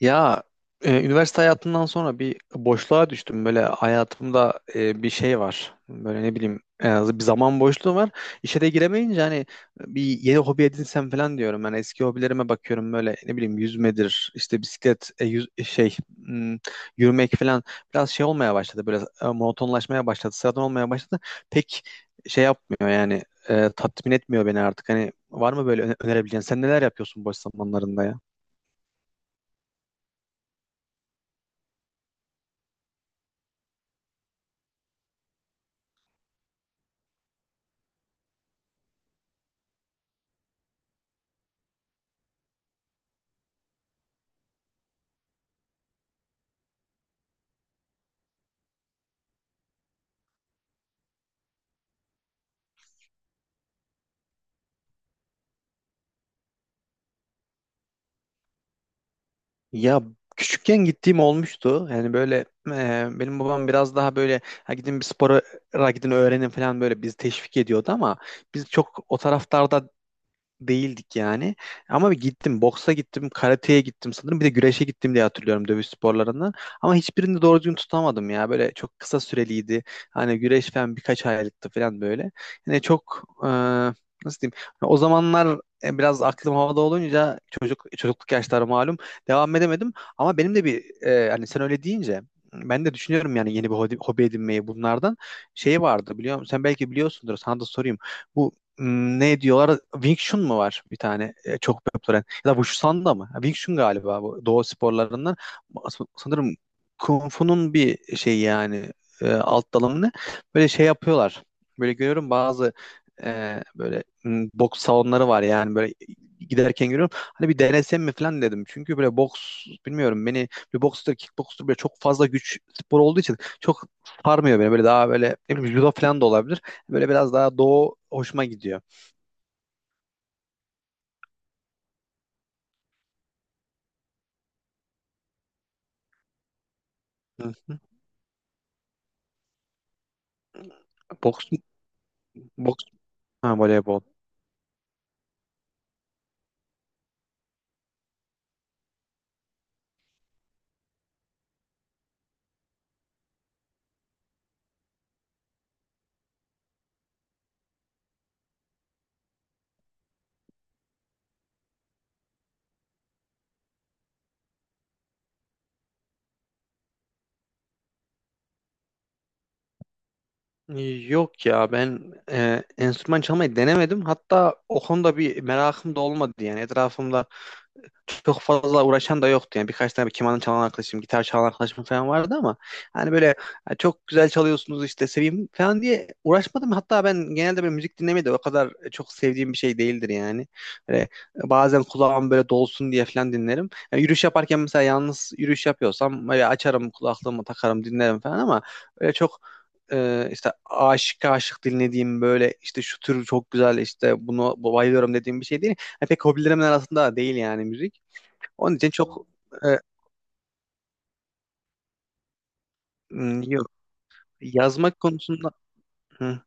Ya üniversite hayatından sonra bir boşluğa düştüm. Böyle hayatımda bir şey var. Böyle ne bileyim en az bir zaman boşluğu var. İşe de giremeyince hani bir yeni hobi edinsem falan diyorum. Yani eski hobilerime bakıyorum böyle ne bileyim yüzmedir, işte bisiklet, e, yüz, e, şey hmm, yürümek falan biraz şey olmaya başladı. Böyle monotonlaşmaya başladı, sıradan olmaya başladı. Pek şey yapmıyor yani tatmin etmiyor beni artık. Hani var mı böyle önerebileceğin? Sen neler yapıyorsun boş zamanlarında ya? Ya küçükken gittiğim olmuştu. Yani böyle benim babam biraz daha böyle ha gidin bir spora gidin öğrenin falan böyle bizi teşvik ediyordu ama biz çok o taraftarda değildik yani. Ama bir gittim. Boksa gittim. Karateye gittim sanırım. Bir de güreşe gittim diye hatırlıyorum dövüş sporlarından. Ama hiçbirini doğru düzgün tutamadım ya. Böyle çok kısa süreliydi. Hani güreş falan birkaç aylıktı falan böyle. Yani çok nasıl diyeyim? Hani o zamanlar biraz aklım havada olunca çocukluk yaşları malum devam edemedim. Ama benim de bir hani sen öyle deyince ben de düşünüyorum yani yeni bir hobi, hobi edinmeyi bunlardan. Şey vardı biliyor musun? Sen belki biliyorsundur. Sana da sorayım. Bu ne diyorlar? Wing Chun mu var bir tane çok popüler? Ya da Wushu da mı? Ha, Wing Chun galiba bu doğu sporlarından. Sanırım Kung Fu'nun bir şey yani alt dalı ne? Böyle şey yapıyorlar. Böyle görüyorum bazı böyle boks salonları var yani böyle giderken görüyorum. Hani bir denesem mi falan dedim. Çünkü böyle boks bilmiyorum beni bir bokstur kickbokstur böyle çok fazla güç spor olduğu için çok sarmıyor beni. Böyle daha böyle ne bileyim judo falan da olabilir. Böyle biraz daha doğu hoşuma gidiyor. Hı hı. Boks, boks, ha, voleybol. Yok ya ben enstrüman çalmayı denemedim. Hatta o konuda bir merakım da olmadı yani. Etrafımda çok fazla uğraşan da yoktu. Yani birkaç tane keman çalan arkadaşım, gitar çalan arkadaşım falan vardı ama hani böyle "Ha, çok güzel çalıyorsunuz işte seveyim falan diye uğraşmadım. Hatta ben genelde böyle müzik dinlemeyi de o kadar çok sevdiğim bir şey değildir yani. Böyle bazen kulağım böyle dolsun diye falan dinlerim. Yani yürüyüş yaparken mesela yalnız yürüyüş yapıyorsam böyle açarım kulaklığımı takarım dinlerim falan ama öyle çok işte aşık aşık dinlediğim böyle işte şu tür çok güzel işte bunu bayılıyorum dediğim bir şey değil. Yani pek hobilerimin arasında değil yani müzik. Onun için çok e, yok. Yazmak konusunda hı.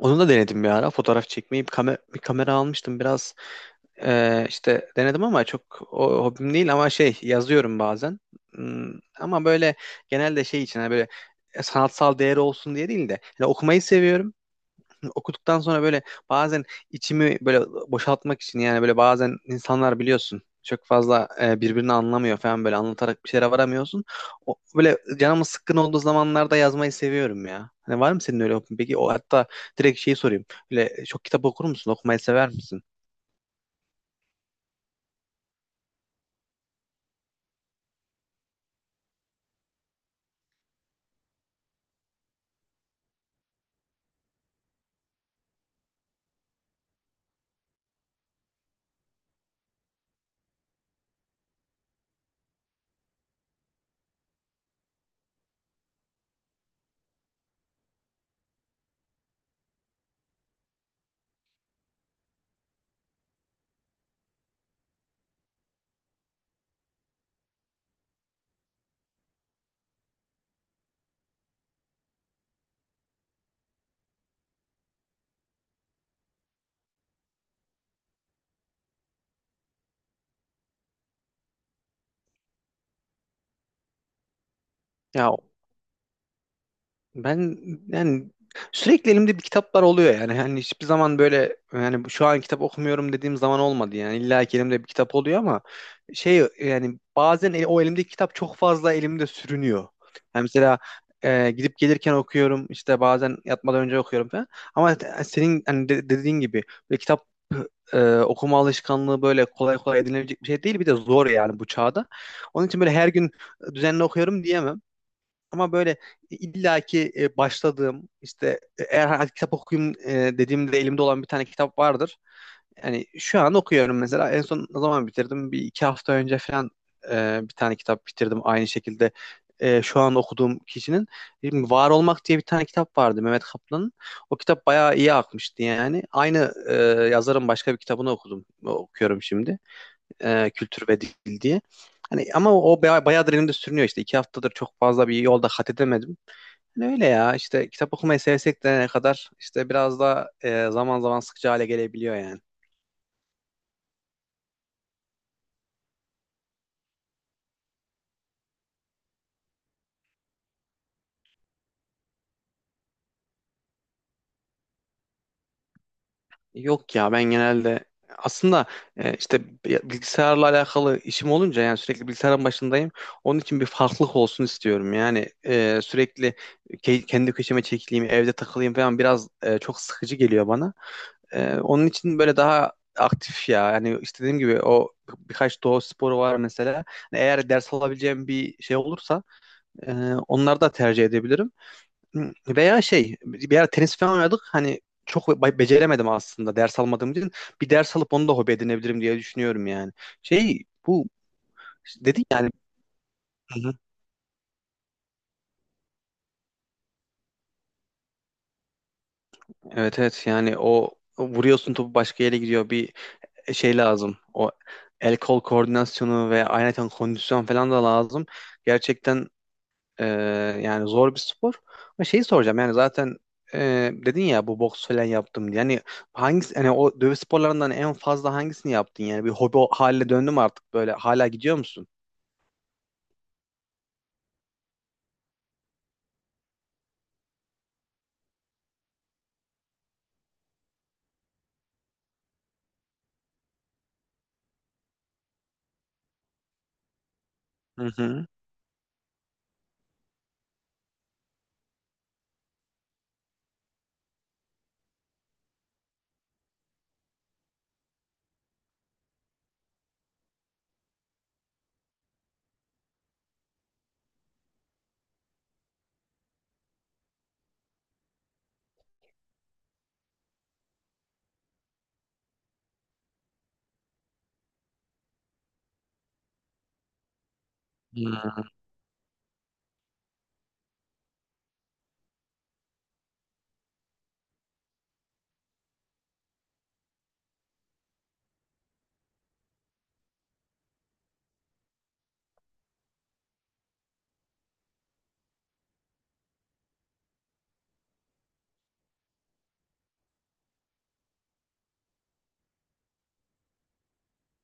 Onu da denedim bir ara. Fotoğraf çekmeyi bir, bir kamera almıştım. Biraz işte denedim ama çok o, hobim değil ama şey yazıyorum bazen. Hmm, ama böyle genelde şey için hani böyle sanatsal değeri olsun diye değil de hani okumayı seviyorum. Okuduktan sonra böyle bazen içimi böyle boşaltmak için yani böyle bazen insanlar biliyorsun çok fazla birbirini anlamıyor falan böyle anlatarak bir şeylere varamıyorsun. O, böyle canımın sıkkın olduğu zamanlarda yazmayı seviyorum ya. Hani var mı senin öyle hobin? Peki o hatta direkt şeyi sorayım. Böyle çok kitap okur musun? Okumayı sever misin? Ya ben yani sürekli elimde bir kitaplar oluyor yani. Hani hiçbir zaman böyle yani şu an kitap okumuyorum dediğim zaman olmadı yani. İlla ki elimde bir kitap oluyor ama şey yani bazen o elimdeki kitap çok fazla elimde sürünüyor. Yani mesela gidip gelirken okuyorum işte bazen yatmadan önce okuyorum falan. Ama senin hani dediğin gibi böyle kitap okuma alışkanlığı böyle kolay kolay edinilebilecek bir şey değil. Bir de zor yani bu çağda. Onun için böyle her gün düzenli okuyorum diyemem. Ama böyle illaki başladığım işte eğer hani hadi kitap okuyayım dediğimde elimde olan bir tane kitap vardır. Yani şu an okuyorum mesela. En son ne zaman bitirdim? Bir iki hafta önce falan bir tane kitap bitirdim. Aynı şekilde şu an okuduğum kişinin. Şimdi Var Olmak diye bir tane kitap vardı Mehmet Kaplan'ın. O kitap bayağı iyi akmıştı yani. Aynı yazarın başka bir kitabını okudum. Okuyorum şimdi kültür ve dil diye. Hani ama o, o bayağıdır elimde sürünüyor işte. İki haftadır çok fazla bir yolda kat edemedim. Hani öyle ya işte kitap okumayı sevsek de ne kadar işte biraz da zaman zaman sıkıcı hale gelebiliyor yani. Yok ya ben genelde aslında işte bilgisayarla alakalı işim olunca yani sürekli bilgisayarın başındayım. Onun için bir farklılık olsun istiyorum. Yani sürekli kendi köşeme çekileyim, evde takılayım falan biraz çok sıkıcı geliyor bana. Onun için böyle daha aktif ya. Yani işte dediğim gibi o birkaç doğa sporu var mesela. Hani eğer ders alabileceğim bir şey olursa e, onları da tercih edebilirim. Hı, veya şey bir ara tenis falan oynadık. Hani çok beceremedim aslında ders almadığım için. Bir ders alıp onu da hobi edinebilirim diye düşünüyorum yani. Şey bu dedin yani. Hı hı. Evet evet yani o o vuruyorsun topu başka yere gidiyor. Bir şey lazım. O el kol koordinasyonu ve ayrıca kondisyon falan da lazım. Gerçekten Ee, yani zor bir spor. Ama şeyi soracağım yani zaten e, dedin ya bu boks falan yaptım diye. Yani hangisi hani o dövüş sporlarından en fazla hangisini yaptın yani bir hobi haline döndü mü artık böyle hala gidiyor musun? Hı hı. Hı.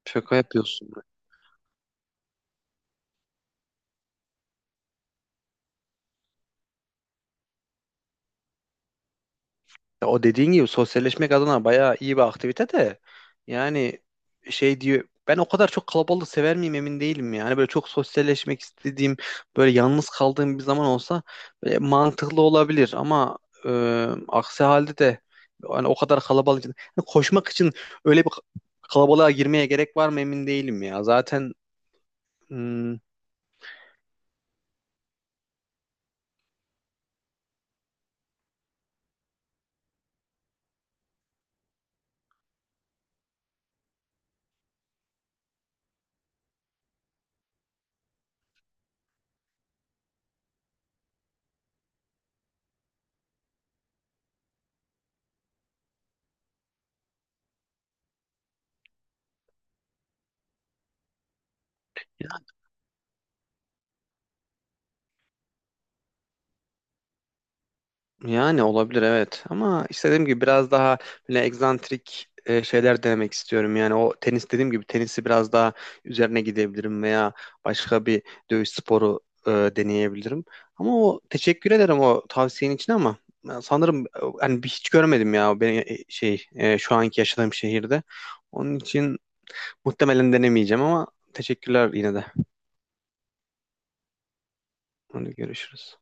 Şaka yapıyorsun. Ya o dediğin gibi sosyalleşmek adına bayağı iyi bir aktivite de yani şey diyor ben o kadar çok kalabalığı sever miyim emin değilim yani böyle çok sosyalleşmek istediğim böyle yalnız kaldığım bir zaman olsa böyle mantıklı olabilir ama e, aksi halde de hani o kadar kalabalık için hani koşmak için öyle bir kalabalığa girmeye gerek var mı emin değilim ya zaten hmm. Yani olabilir evet ama işte dediğim gibi biraz daha böyle egzantrik şeyler denemek istiyorum. Yani o tenis dediğim gibi tenisi biraz daha üzerine gidebilirim veya başka bir dövüş sporu deneyebilirim. Ama o teşekkür ederim o tavsiyenin için ama ben sanırım hani bir hiç görmedim ya ben şu anki yaşadığım şehirde. Onun için muhtemelen denemeyeceğim ama teşekkürler yine de. Hadi görüşürüz.